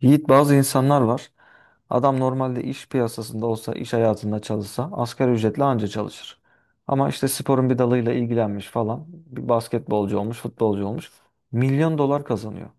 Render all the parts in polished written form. Yiğit bazı insanlar var. Adam normalde iş piyasasında olsa, iş hayatında çalışsa asgari ücretle anca çalışır. Ama işte sporun bir dalıyla ilgilenmiş falan. Bir basketbolcu olmuş, futbolcu olmuş. Milyon dolar kazanıyor.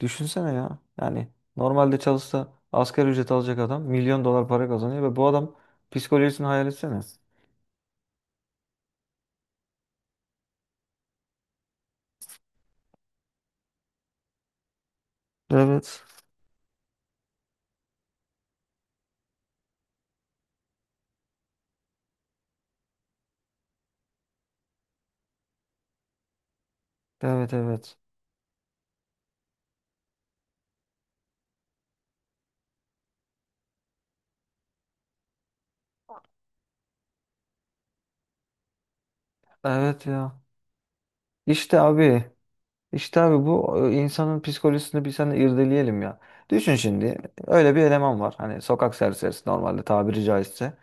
Düşünsene ya. Yani normalde çalışsa asgari ücret alacak adam milyon dolar para kazanıyor ve bu adam psikolojisini hayal etsene. Evet. Evet evet. Evet ya. İşte abi. İşte abi bu insanın psikolojisini bir sen irdeleyelim ya. Düşün şimdi öyle bir eleman var. Hani sokak serserisi normalde tabiri caizse.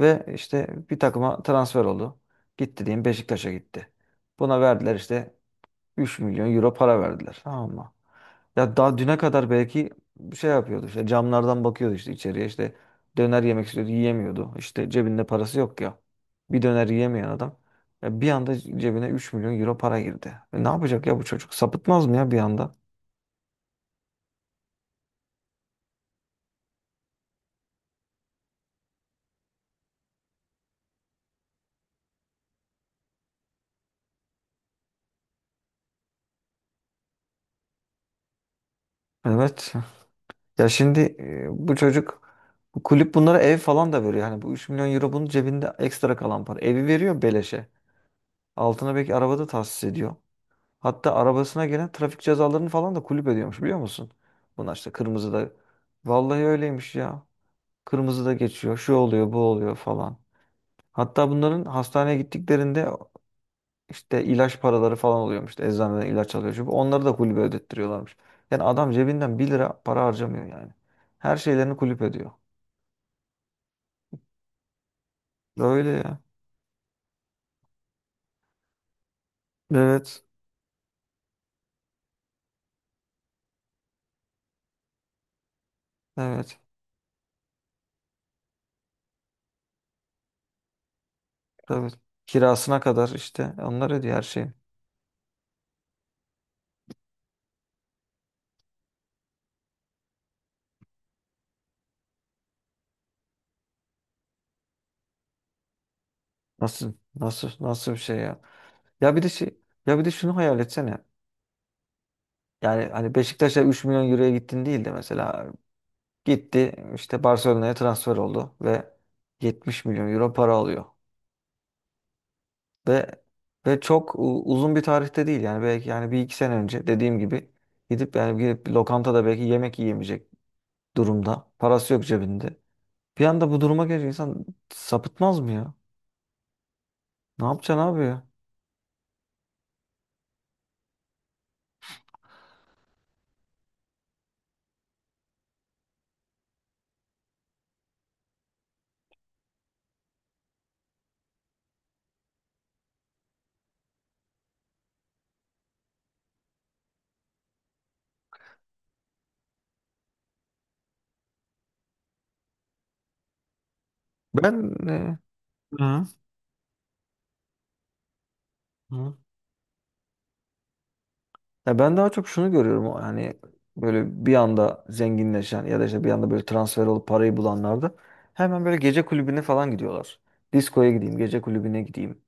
Ve işte bir takıma transfer oldu. Gitti diyeyim Beşiktaş'a gitti. Buna verdiler işte 3 milyon euro para verdiler. Tamam mı? Ya daha düne kadar belki şey yapıyordu işte camlardan bakıyordu işte içeriye işte döner yemek istiyordu yiyemiyordu. İşte cebinde parası yok ya. Bir döner yiyemeyen adam bir anda cebine 3 milyon euro para girdi. E, ne yapacak ya bu çocuk? Sapıtmaz mı ya bir anda? Evet. Ya şimdi bu çocuk bu kulüp bunlara ev falan da veriyor. Yani bu 3 milyon euro bunun cebinde ekstra kalan para. Evi veriyor beleşe. Altına belki arabada tahsis ediyor. Hatta arabasına gelen trafik cezalarını falan da kulüp ediyormuş biliyor musun? Bunlar işte kırmızıda. Vallahi öyleymiş ya. Kırmızıda geçiyor. Şu oluyor, bu oluyor falan. Hatta bunların hastaneye gittiklerinde işte ilaç paraları falan oluyormuş. İşte eczaneden ilaç alıyor. Şu bu. Onları da kulübe ödettiriyorlarmış. Yani adam cebinden bir lira para harcamıyor yani. Her şeylerini kulüp ediyor. Böyle ya. Evet. Evet. Tabii. Kirasına kadar işte onlar ödüyor her şeyi. Nasıl nasıl nasıl bir şey ya? Ya bir de şey, ya bir de şunu hayal etsene. Yani hani Beşiktaş'a 3 milyon euroya gittin değil de mesela gitti işte Barcelona'ya transfer oldu ve 70 milyon euro para alıyor. Ve ve çok uzun bir tarihte değil yani belki yani bir iki sene önce dediğim gibi gidip yani gidip bir lokantada belki yemek yiyemeyecek durumda. Parası yok cebinde. Bir anda bu duruma gelince insan sapıtmaz mı ya? Ne yapacaksın abi ya? Ben e, Hı. Hı. Ya ben daha çok şunu görüyorum hani böyle bir anda zenginleşen ya da işte bir anda böyle transfer olup parayı bulanlarda hemen böyle gece kulübüne falan gidiyorlar. Diskoya gideyim, gece kulübüne gideyim.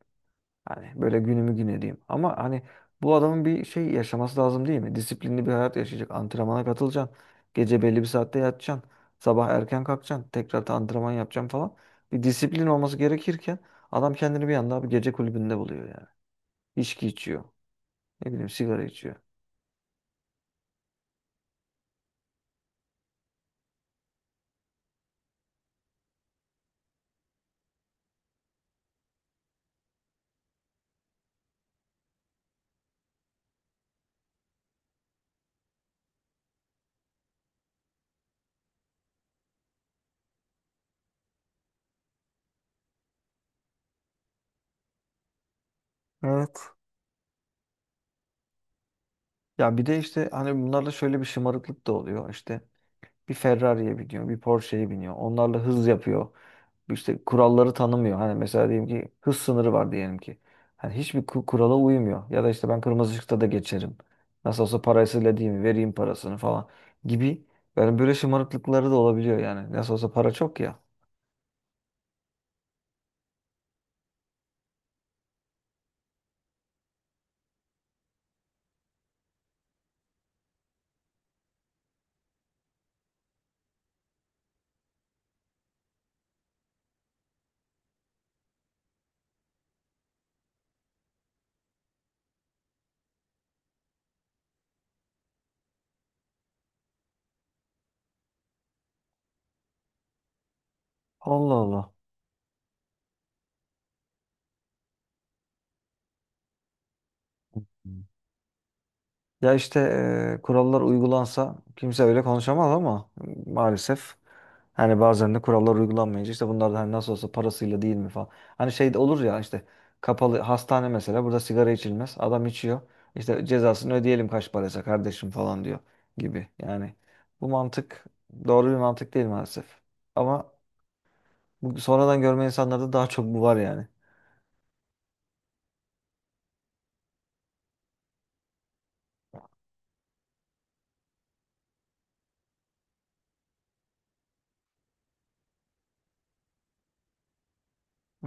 Hani böyle günümü gün edeyim. Ama hani bu adamın bir şey yaşaması lazım değil mi? Disiplinli bir hayat yaşayacak. Antrenmana katılacaksın. Gece belli bir saatte yatacaksın. Sabah erken kalkacaksın. Tekrar da antrenman yapacaksın falan. Bir disiplin olması gerekirken adam kendini bir anda bir gece kulübünde buluyor yani. İçki içiyor. Ne bileyim sigara içiyor. Ya bir de işte hani bunlarda şöyle bir şımarıklık da oluyor. İşte bir Ferrari'ye biniyor, bir Porsche'ye biniyor. Onlarla hız yapıyor. İşte kuralları tanımıyor. Hani mesela diyelim ki hız sınırı var diyelim ki. Hani hiçbir kurala uymuyor. Ya da işte ben kırmızı ışıkta da geçerim. Nasıl olsa parasıyla değil mi? Vereyim parasını falan gibi. Yani böyle şımarıklıkları da olabiliyor yani. Nasıl olsa para çok ya. Allah Allah. Ya işte kurallar uygulansa kimse öyle konuşamaz ama maalesef hani bazen de kurallar uygulanmayınca işte bunlar da hani nasıl olsa parasıyla değil mi falan. Hani şey de olur ya işte kapalı hastane mesela burada sigara içilmez. Adam içiyor. İşte cezasını ödeyelim kaç paraysa kardeşim falan diyor gibi. Yani bu mantık doğru bir mantık değil maalesef. Ama bu sonradan görme insanlarda daha çok bu var yani.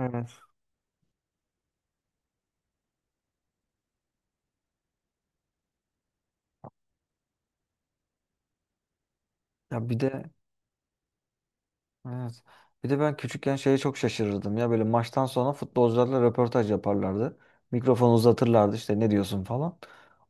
Evet. Ya bir de Evet. Bir de ben küçükken şeye çok şaşırırdım ya böyle maçtan sonra futbolcularla röportaj yaparlardı. Mikrofonu uzatırlardı işte ne diyorsun falan.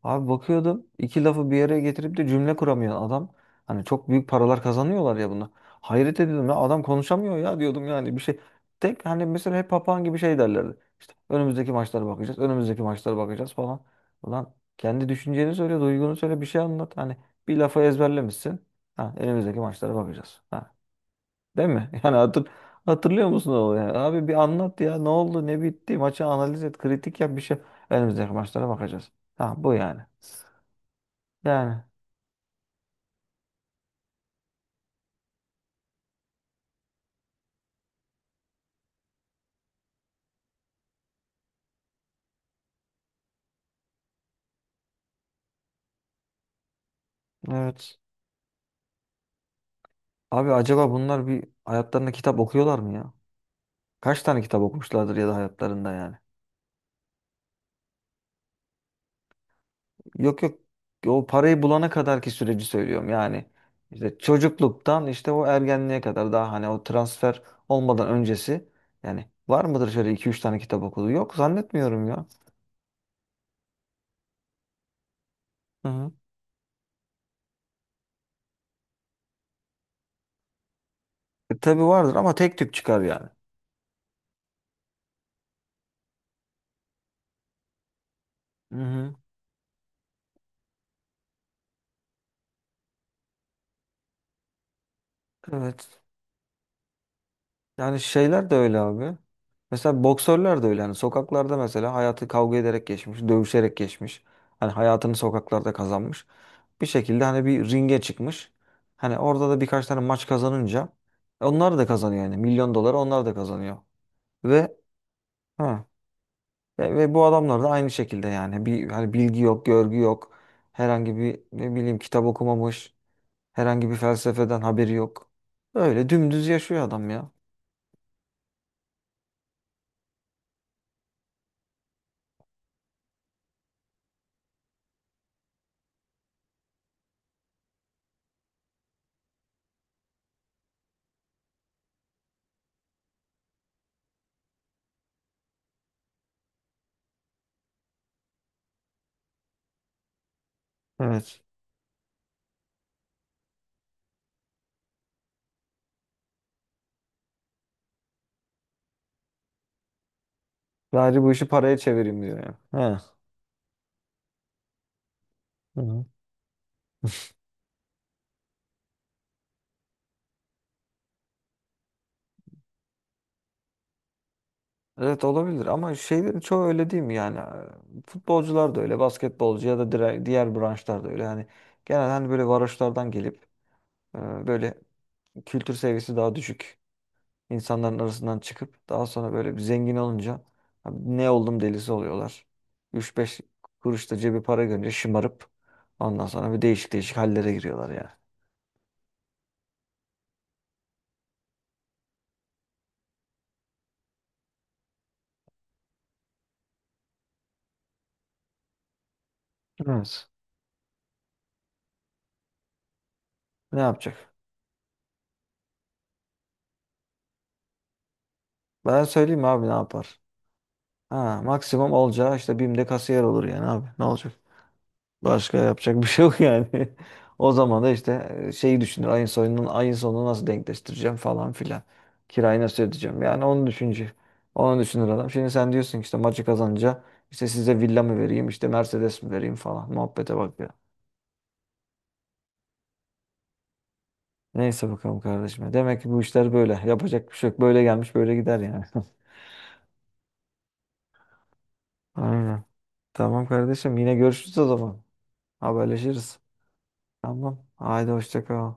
Abi bakıyordum iki lafı bir araya getirip de cümle kuramıyor adam. Hani çok büyük paralar kazanıyorlar ya bunu. Hayret ediyordum ya adam konuşamıyor ya diyordum yani bir şey. Tek hani mesela hep papağan gibi şey derlerdi. İşte önümüzdeki maçlara bakacağız, önümüzdeki maçlara bakacağız falan. Ulan kendi düşünceni söyle, duygunu söyle bir şey anlat. Hani bir lafı ezberlemişsin. Ha, önümüzdeki maçlara bakacağız. Ha. Değil mi? Yani hatırlıyor musun o yani? Abi bir anlat ya ne oldu ne bitti maçı analiz et kritik yap bir şey. Önümüzdeki maçlara bakacağız. Ha bu yani. Yani evet. Abi acaba bunlar bir hayatlarında kitap okuyorlar mı ya? Kaç tane kitap okumuşlardır ya da hayatlarında yani? Yok yok. O parayı bulana kadarki süreci söylüyorum yani. İşte çocukluktan işte o ergenliğe kadar daha hani o transfer olmadan öncesi yani var mıdır şöyle iki üç tane kitap okudu? Yok zannetmiyorum ya. Hı hı. Tabii vardır ama tek tük çıkar yani. Hı hı. Evet. Yani şeyler de öyle abi. Mesela boksörler de öyle. Hani sokaklarda mesela hayatı kavga ederek geçmiş, dövüşerek geçmiş. Hani hayatını sokaklarda kazanmış. Bir şekilde hani bir ringe çıkmış. Hani orada da birkaç tane maç kazanınca onlar da kazanıyor yani. Milyon doları onlar da kazanıyor. Ve ha, ve bu adamlar da aynı şekilde yani bir hani bilgi yok, görgü yok. Herhangi bir ne bileyim kitap okumamış. Herhangi bir felsefeden haberi yok. Öyle dümdüz yaşıyor adam ya. Evet. Sadece bu işi paraya çevireyim diyor ya. He. Hı hı. Evet olabilir ama şeylerin çoğu öyle değil mi yani? Futbolcular da öyle, basketbolcu ya da diğer branşlar da öyle. Yani genelde hani böyle varoşlardan gelip e, böyle kültür seviyesi daha düşük İnsanların arasından çıkıp daha sonra böyle bir zengin olunca "Abi ne oldum" delisi oluyorlar. Üç beş kuruş da cebi para görünce şımarıp ondan sonra bir değişik değişik hallere giriyorlar yani. Evet. Ne yapacak? Ben söyleyeyim mi abi ne yapar? Ha, maksimum olacağı işte BİM'de kasiyer olur yani abi. Ne olacak? Başka yapacak bir şey yok yani. O zaman da işte şeyi düşünür. Ayın sonunu nasıl denkleştireceğim falan filan. Kirayı nasıl ödeyeceğim? Yani onu düşünce. Onu düşünür adam. Şimdi sen diyorsun ki işte maçı kazanınca işte size villa mı vereyim, işte Mercedes mi vereyim falan. Muhabbete bak ya. Neyse bakalım kardeşim. Demek ki bu işler böyle. Yapacak bir şey yok. Böyle gelmiş, böyle gider yani. Aynen. Tamam kardeşim. Yine görüşürüz o zaman. Haberleşiriz. Tamam. Haydi hoşça kal.